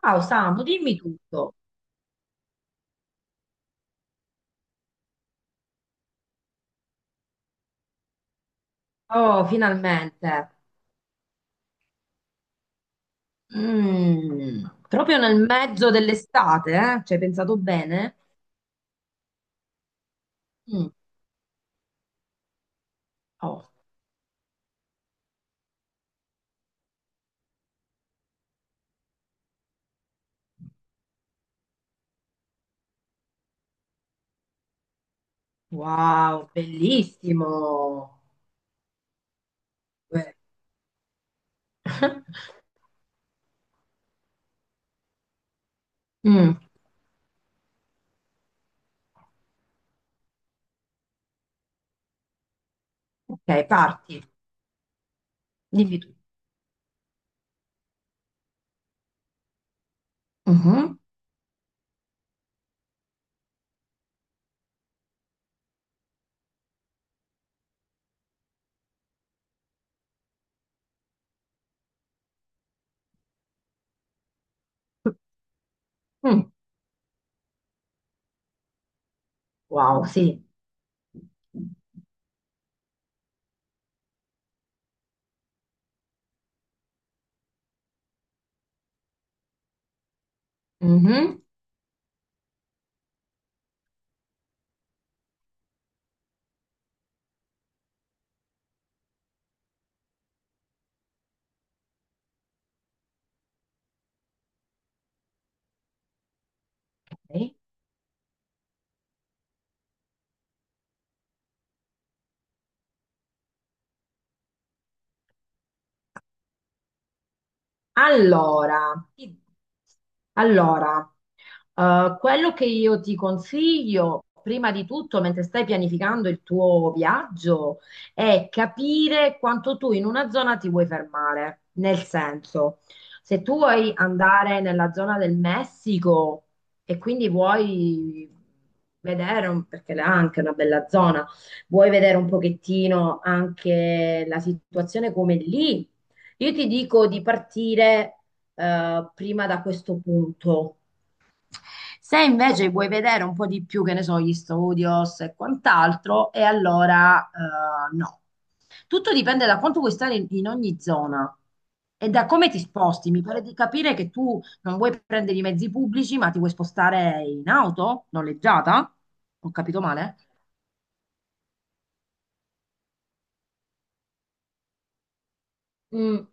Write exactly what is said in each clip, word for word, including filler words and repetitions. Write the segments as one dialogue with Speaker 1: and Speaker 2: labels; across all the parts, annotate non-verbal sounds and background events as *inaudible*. Speaker 1: Ciao Samu, dimmi tutto. Oh, finalmente. Mm, proprio nel mezzo dell'estate, eh? Ci hai pensato bene? Mm. Oh, wow, bellissimo. Eh. *laughs* Mm. Ok, parti. Dimmi tu. Mhm. Mm. Wow, sì. Mhm, ok. Allora, ti- allora, Eh, quello che io ti consiglio, prima di tutto, mentre stai pianificando il tuo viaggio, è capire quanto tu in una zona ti vuoi fermare. Nel senso, se tu vuoi andare nella zona del Messico e quindi vuoi vedere, un- perché là è anche una bella zona, vuoi vedere un pochettino anche la situazione come lì, io ti dico di partire eh, prima da questo punto. Se invece vuoi vedere un po' di più, che ne so, gli studios e quant'altro, e allora eh, no. Tutto dipende da quanto vuoi stare in, in ogni zona e da come ti sposti. Mi pare di capire che tu non vuoi prendere i mezzi pubblici, ma ti vuoi spostare in auto noleggiata? Ho capito male? Mm,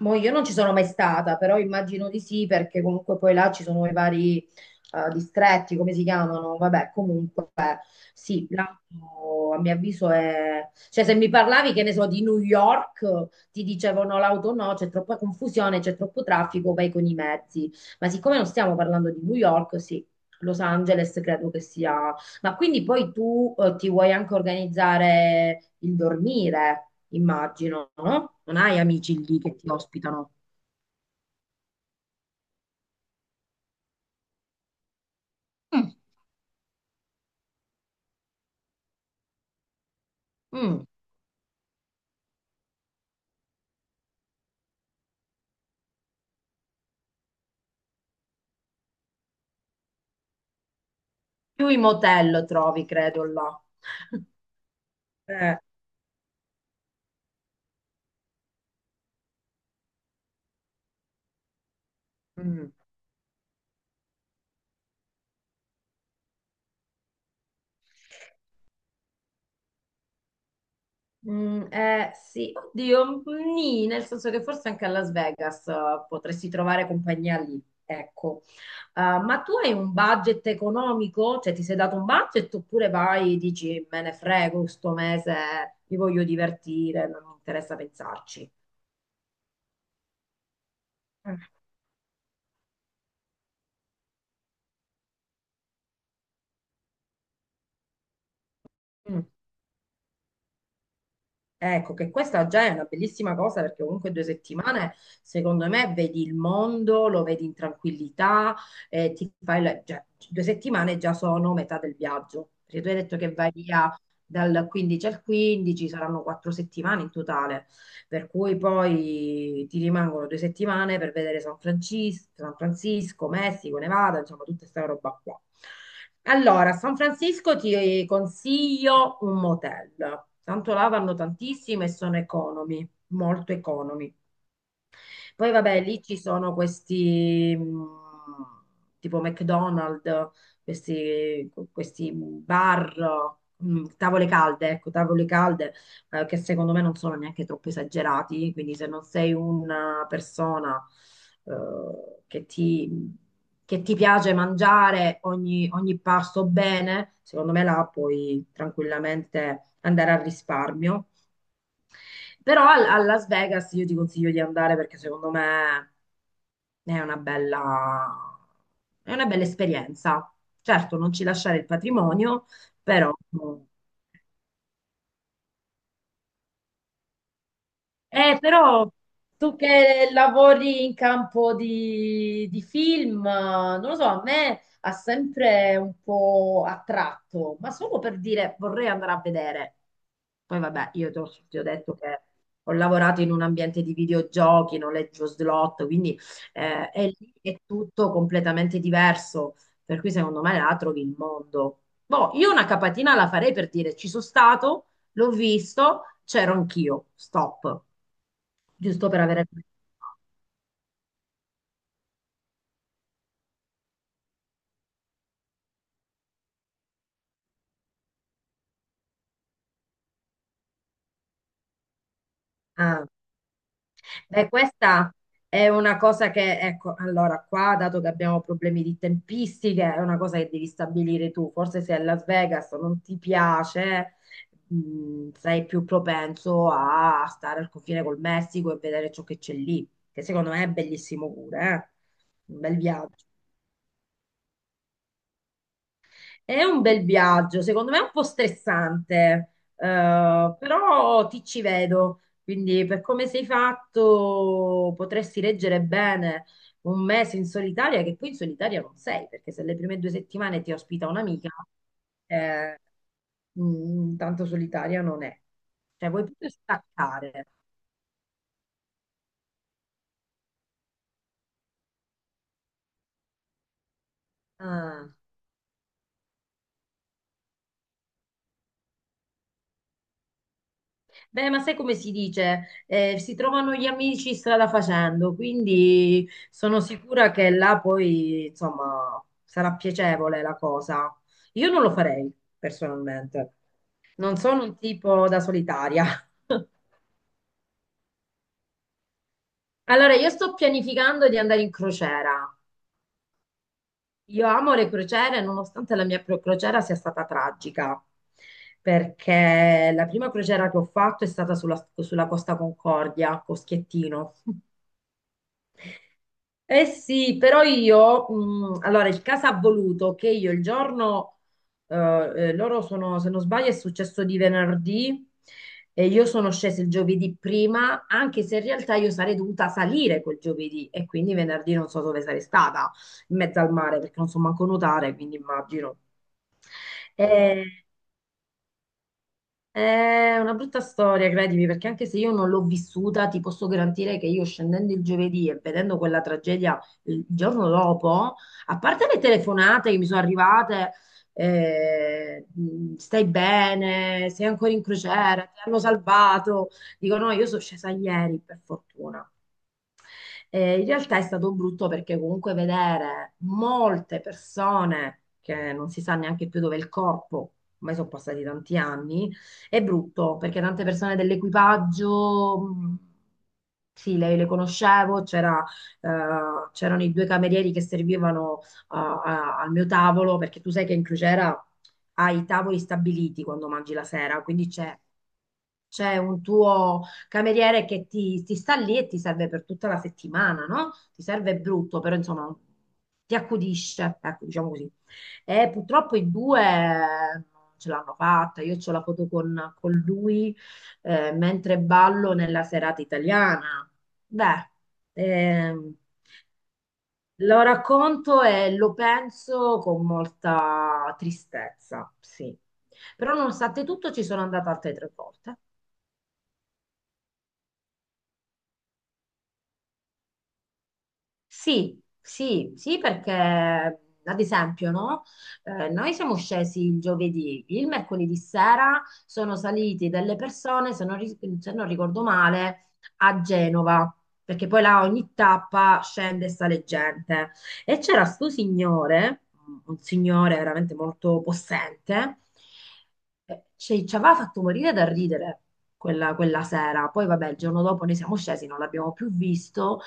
Speaker 1: boh, io non ci sono mai stata, però immagino di sì, perché comunque poi là ci sono i vari eh, distretti, come si chiamano? Vabbè, comunque. Sì, l'auto a mio avviso è. Cioè, se mi parlavi, che ne so, di New York, ti dicevano l'auto no, c'è troppa confusione, c'è troppo traffico, vai con i mezzi. Ma siccome non stiamo parlando di New York, sì, Los Angeles credo che sia. Ma quindi poi tu eh, ti vuoi anche organizzare il dormire, immagino, no? Non hai amici lì che ti ospitano. Mm. Mm. Più i motel trovi, credo, là. Eh. Mm. Mm, eh, sì, oddio, mm, nì, nel senso che forse anche a Las Vegas eh, potresti trovare compagnia lì, ecco. Eh, ma tu hai un budget economico? Cioè ti sei dato un budget oppure vai e dici me ne frego, sto mese mi voglio divertire, non mi interessa pensarci. Mm. Mm. Ecco, che questa già è una bellissima cosa perché comunque due settimane, secondo me, vedi il mondo, lo vedi in tranquillità, eh, ti fai la- già- due settimane già sono metà del viaggio, perché tu hai detto che vai via dal quindici al quindici, saranno quattro settimane in totale per cui poi ti rimangono due settimane per vedere San Francisco, San Francisco, Messico, Nevada, insomma, tutta questa roba qua. Allora, a San Francisco ti consiglio un motel, tanto là vanno tantissime e sono economi, molto economi. Poi vabbè, lì ci sono questi mh, tipo McDonald's, questi, questi bar, mh, tavole calde, ecco, tavole calde eh, che secondo me non sono neanche troppo esagerati, quindi se non sei una persona eh, che ti, che ti piace mangiare ogni, ogni pasto bene, secondo me là puoi tranquillamente andare al risparmio. Però a, a Las Vegas io ti consiglio di andare perché secondo me è una bella, è una bella esperienza. Certo, non ci lasciare il patrimonio, però. Eh, però tu che lavori in campo di, di film, non lo so, a me ha sempre un po' attratto, ma solo per dire vorrei andare a vedere. Poi vabbè, io ti ho, ti ho detto che ho lavorato in un ambiente di videogiochi, noleggio slot, quindi eh, è lì è tutto completamente diverso, per cui secondo me la trovi il mondo. Boh, io una capatina la farei per dire ci sono stato, l'ho visto, c'ero anch'io, stop giusto per avere. Ah, beh, questa è una cosa che, ecco, allora qua, dato che abbiamo problemi di tempistiche, è una cosa che devi stabilire tu. Forse se a Las Vegas non ti piace, mh, sei più propenso a stare al confine col Messico e vedere ciò che c'è lì, che secondo me è bellissimo pure, eh? Un bel viaggio. È un bel viaggio, secondo me è un po' stressante, eh, però ti ci vedo, quindi per come sei fatto potresti reggere bene un mese in solitaria, che poi in solitaria non sei, perché se le prime due settimane ti ospita un'amica, eh, mm, tanto solitaria non è. Cioè vuoi proprio staccare. Ah. Beh, ma sai come si dice? Eh, si trovano gli amici strada facendo, quindi sono sicura che là poi, insomma, sarà piacevole la cosa. Io non lo farei personalmente. Non sono un tipo da solitaria. *laughs* Allora, io sto pianificando di andare in crociera. Io amo le crociere, nonostante la mia pro- crociera sia stata tragica, perché la prima crociera che ho fatto è stata sulla, sulla Costa Concordia, Coschiettino. Eh sì, però io, mh, allora il caso ha voluto che io il giorno, eh, eh, loro sono, se non sbaglio, è successo di venerdì e io sono scesa il giovedì prima, anche se in realtà io sarei dovuta salire quel giovedì e quindi venerdì non so dove sarei stata, in mezzo al mare, perché non so manco nuotare, quindi immagino. Eh, è una brutta storia, credimi, perché anche se io non l'ho vissuta, ti posso garantire che io scendendo il giovedì e vedendo quella tragedia il giorno dopo, a parte le telefonate che mi sono arrivate, eh, mh, stai bene, sei ancora in crociera, ti hanno salvato, dico no, io sono scesa ieri, per fortuna. Eh, in realtà è stato brutto perché comunque vedere molte persone che non si sa neanche più dove è il corpo, ormai sono passati tanti anni è brutto perché tante persone dell'equipaggio, mh, sì, le, le conoscevo, c'era, eh, c'erano i due camerieri che servivano a- a- al mio tavolo, perché tu sai che in crociera hai i tavoli stabiliti quando mangi la sera, quindi c'è c'è un tuo cameriere che ti, ti sta lì e ti serve per tutta la settimana, no? Ti serve brutto, però insomma ti accudisce, ecco, diciamo così. E purtroppo in due eh, non ce l'hanno fatta. Io ho la foto con, con lui eh, mentre ballo nella serata italiana. Beh, ehm, lo racconto e lo penso con molta tristezza, sì. Però nonostante tutto ci sono andata altre tre volte. Sì, sì, sì, perché ad esempio, no? Eh, noi siamo scesi il giovedì, il mercoledì sera sono saliti delle persone, se non, ri- se non ricordo male, a Genova, perché poi là ogni tappa scende e sale gente. E c'era sto signore, un signore veramente molto possente, eh, ci ci aveva fatto morire da ridere quella, quella sera. Poi vabbè, il giorno dopo noi siamo scesi, non l'abbiamo più visto.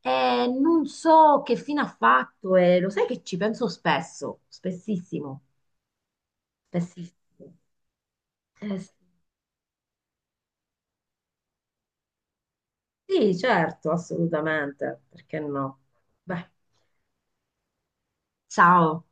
Speaker 1: Eh, non so che fine ha fatto e lo sai che ci penso spesso, spessissimo, spessissimo. Eh, sì, sì, certo, assolutamente, perché no? Beh, ciao.